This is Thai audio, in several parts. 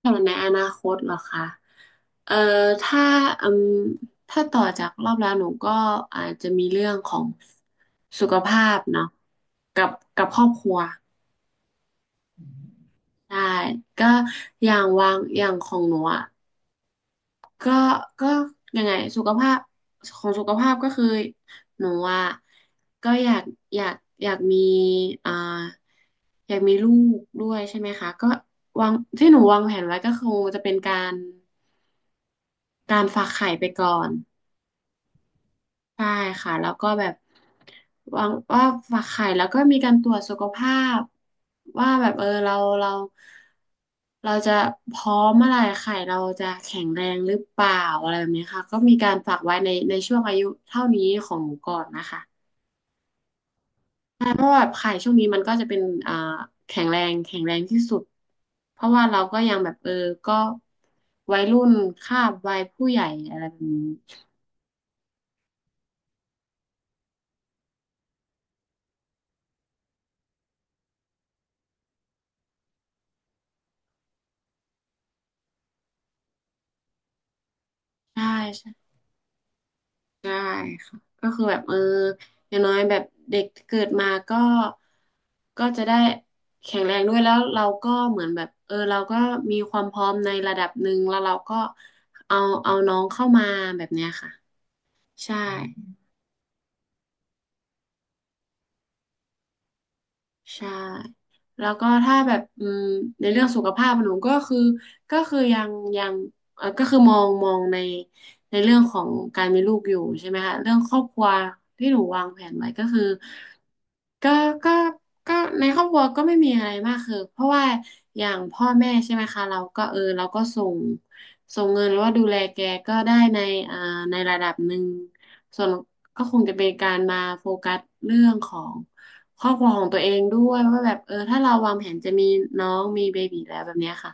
แผนในอนาคตเหรอคะเอ่อถ้าอืมถ้าต่อจากรอบแล้วหนูก็อาจจะมีเรื่องของสุขภาพเนาะกับครอบครัวได้ก็อย่างวางอย่างของหนูอ่ะก็ก็ยังไงสุขภาพของสุขภาพก็คือหนูอ่ะก็อยากอยากอยากมีอ่าอยากมีลูกด้วยใช่ไหมคะก็วางที่หนูวางแผนไว้ก็คงจะเป็นการ ฝากไข่ไปก่อนใช่ค่ะแล้วก็แบบวางว่าฝากไข่แล้วก็มีการตรวจสุขภาพว่าแบบเออเราเราเราจะพร้อมเมื่อไหร่ไข่เราจะแข็งแรงหรือเปล่าอะไรแบบนี้ค่ะก็มีการฝากไว้ในช่วงอายุเท่านี้ของหนูก่อนนะคะใช่เพราะว่าแบบไข่ช่วงนี้มันก็จะเป็นอ่าแข็งแรงที่สุดเพราะว่าเราก็ยังแบบเออก็วัยรุ่นคาบวัยผู้ใหญ่อะไรแบบนี้ใช่ ได้ค่ะก็คือแบบเอออย่างน้อยแบบเด็กเกิดมาก็จะได้แข็งแรงด้วยแล้วเราก็เหมือนแบบเออเราก็มีความพร้อมในระดับหนึ่งแล้วเราก็เอาน้องเข้ามาแบบเนี้ยค่ะใช่ใช่แล้วก็ถ้าแบบในเรื่องสุขภาพหนูก็คือยังยังเออก็คือมองในเรื่องของการมีลูกอยู่ใช่ไหมคะเรื่องครอบครัวที่หนูวางแผนไว้ก็คือ ก็ก็ก็ในครอบครัวก็ไม่มีอะไรมากคือเพราะว่าอย่างพ่อแม่ใช่ไหมคะเราก็เออเราก็ส่งเงินหรือว่าดูแลแกก็ได้ในอ่าในระดับหนึ่งส่วนก็คงจะเป็นการมาโฟกัสเรื่องของครอบครัวของตัวเองด้วยว่าแบบเออถ้าเราวางแผนจะมีน้องมีเบบีแล้วแบบเนี้ยค่ะ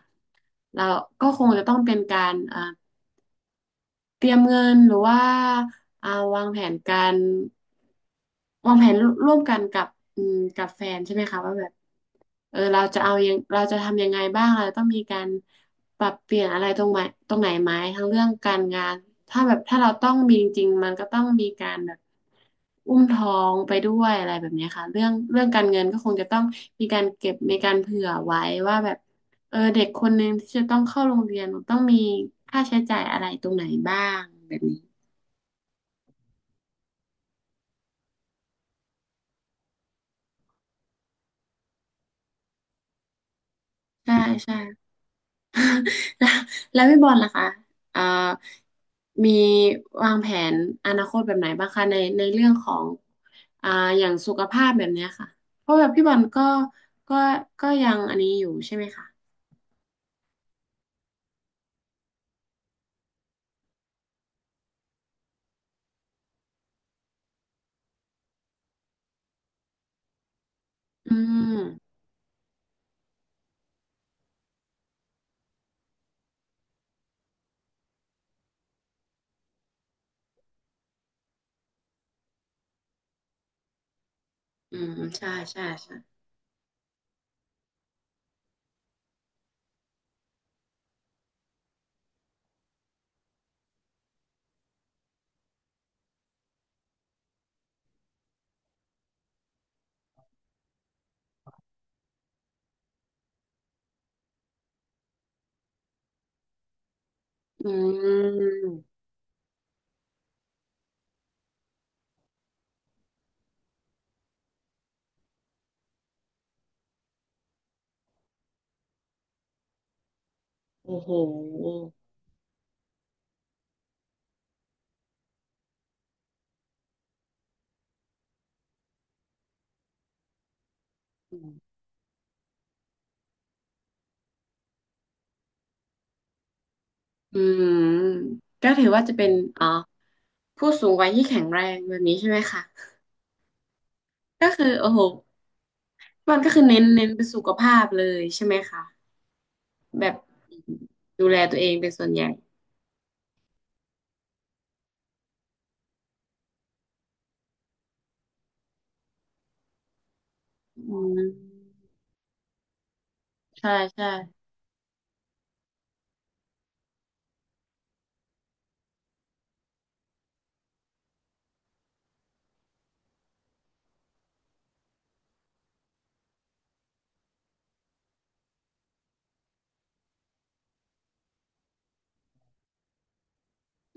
เราก็คงจะต้องเป็นการเตรียมเงินหรือว่าอ่าวางแผนการวางแผนร่วมกันกับกับแฟนใช่ไหมคะว่าแบบเออเราจะเอายังเราจะทำยังไงบ้างเราต้องมีการปรับเปลี่ยนอะไรตรงไหนไหมทั้งเรื่องการงานถ้าแบบถ้าเราต้องมีจริงๆมันก็ต้องมีการแบบอุ้มท้องไปด้วยอะไรแบบเนี้ยค่ะเรื่องการเงินก็คงจะต้องมีการเก็บมีการเผื่อไว้ว่าแบบ เออเด็กคนหนึ่งที่จะต้องเข้าโรงเรียนต้องมีค่าใช้จ่ายอะไรตรงไหนบ้างแบบนี้ใช่ใช่ แล้วพี่บอลล่ะคะเอ่อมีวางแผนอนาคตแบบไหนบ้างคะในเรื่องของอ่าอย่างสุขภาพแบบเนี้ยค่ะเพราะแบบพี่บอลก็ก็ยังอันนี้อยู่ใช่ไหมคะอืมอืมใช่ใช่ใช่อืมโอ้โหอืมก็ถือว่าจะเป็นอ๋อ ผู้สูงวัยที่แข็งแรงแบบนี้ใช่ไหมคะก็คือโอ้โหมันก็คือเน้นเป็นสุขภาพเลยใช่ไหมคะแบบดูแลตัวเองเป็นส่วนใหญ่อืมใช่ใช่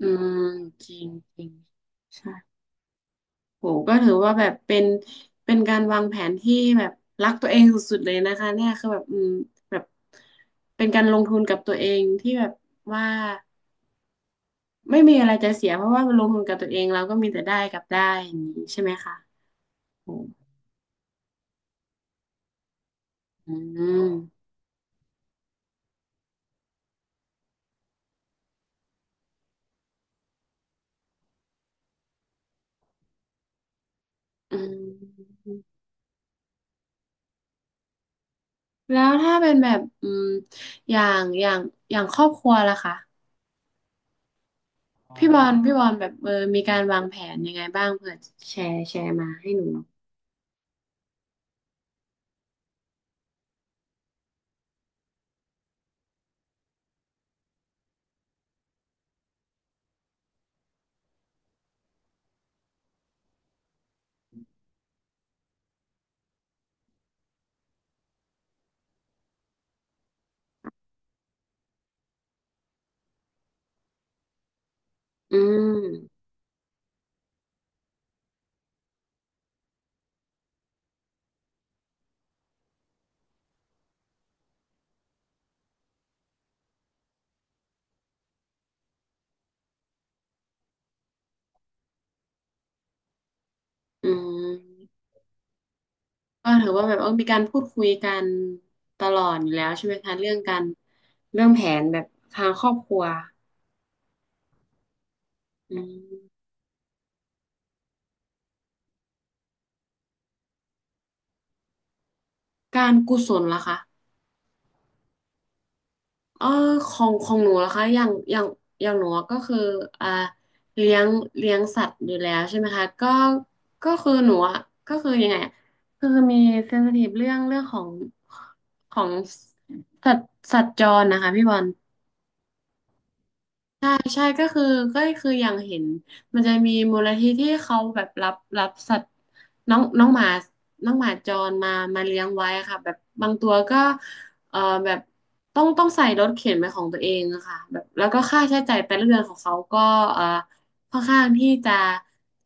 อืมจริงจริงใช่โหก็ถือว่าแบบเป็นการวางแผนที่แบบรักตัวเองสุดๆเลยนะคะเนี่ยคือแบบแบบเป็นการลงทุนกับตัวเองที่แบบว่าไม่มีอะไรจะเสียเพราะว่าลงทุนกับตัวเองเราก็มีแต่ได้กับได้อย่างนี้ใช่ไหมคะ อืมอืมแล้วถ้าเป็นแบบอย่างอย่างครอบครัวล่ะคะพี่บอลแบบเออมีการวางแผนยังไงบ้างเผื่อแชร์มาให้หนูหน่อยอืมอืมก็ถือว่าแบบเออมีการพูดคุยกันตลอดอยู่แล้วใช่ไหมคะเรื่องการเรื่องแผนแบบทางครอบครัวอืมการกุศลล่ะคะ เออของของหนูนะคะอย่างอย่างหนูก็คืออ่าเลี้ยงสัตว์อยู่แล้วใช่ไหมคะก็ก็คือหนูอะก็คือยังไงอะคือมีเซนซิทีฟเรื่องของของสัตว์จรนะคะพี่บอล ใช่ใช่ก็คืออย่างเห็นมันจะมีมูลนิธิที่เขาแบบรับสัตว์น้องน้องหมาจรมาเลี้ยงไว้อะค่ะแบบบางตัวก็เอ่อแบบต้องใส่รถเข็นเป็นของตัวเองอะค่ะแบบแล้วก็ค่าใช้จ่ายแต่ละเดือนของเขาก็เอ่อค่อนข้างที่จะ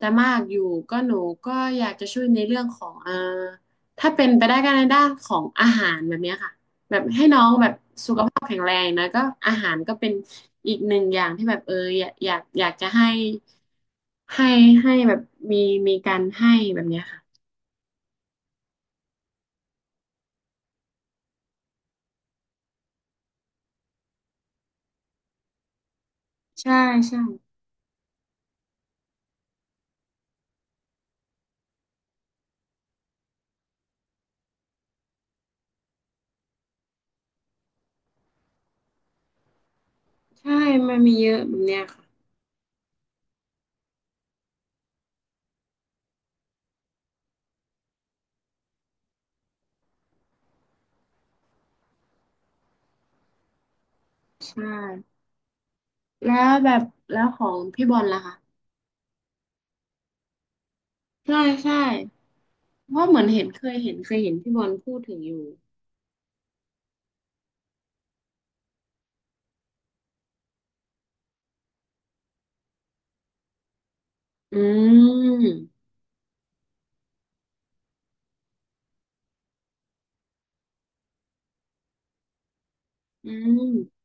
มากอยู่ก็หนูก็อยากจะช่วยในเรื่องของถ้าเป็นไปได้ก็ในด้านของอาหารแบบเนี้ยค่ะ แบบให้น้องแบบสุขภาพแข็งแรงนะก็อาหารก็เป็นอีกหนึ่งอย่างที่แบบเอออยากจะให้ให้ให้แบบมีการให้แบบเนี้ยค่ะใช่ใช่ใช่มันมีเยอะแบบเนี้ยค่ะใช่แล้วแบบแล้วของพี่บอลล่ะคะใช่ใช่เพราะเหมือนเห็นเคยเห็นพี่บอลพูดถึงอยู่อืมอืม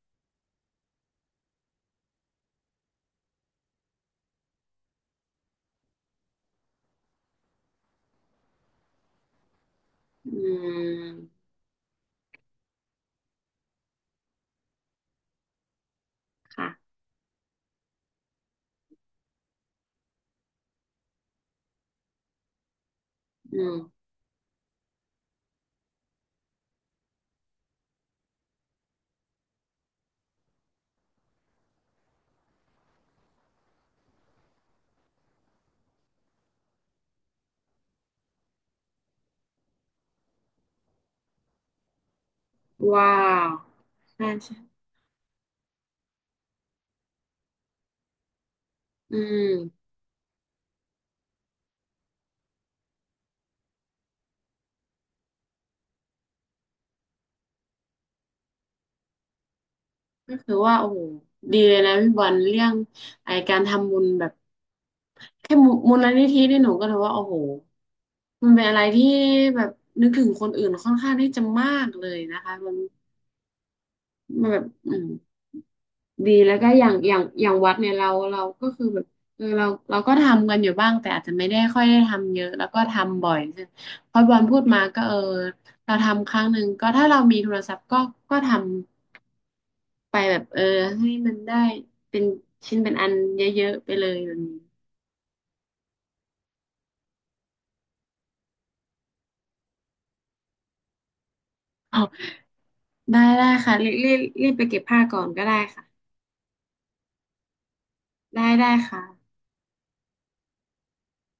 อืมค่ะอืมว้าวใช่ใช่อืม ก็คือว่าโอ้โหดีเลยนะพี่บอลเรื่องไอการทำบุญแบบแค่มูมูลนิธินี่หนูก็ถือว่าโอ้โหมันเป็นอะไรที่แบบนึกถึงคนอื่นค่อนข้างที่จะมากเลยนะคะมันแบบดีแล้วก็อย่างอย่างวัดเนี่ยเราก็คือแบบเออเราก็ทำกันอยู่บ้างแต่อาจจะไม่ได้ค่อยได้ทำเยอะแล้วก็ทำบ่อยใช่พอบอลพูดมาก็เออเราทำครั้งหนึ่งก็ถ้าเรามีโทรศัพท์ก็ทำ ไปแบบเออให้มันได้เป็นชิ้นเป็นอันเยอะๆไปเลยแบบนี้อ๋อได้ได้ค่ะรีบรีบไปเก็บผ้าก่อนก็ได้ค่ะได้ได้ค่ะ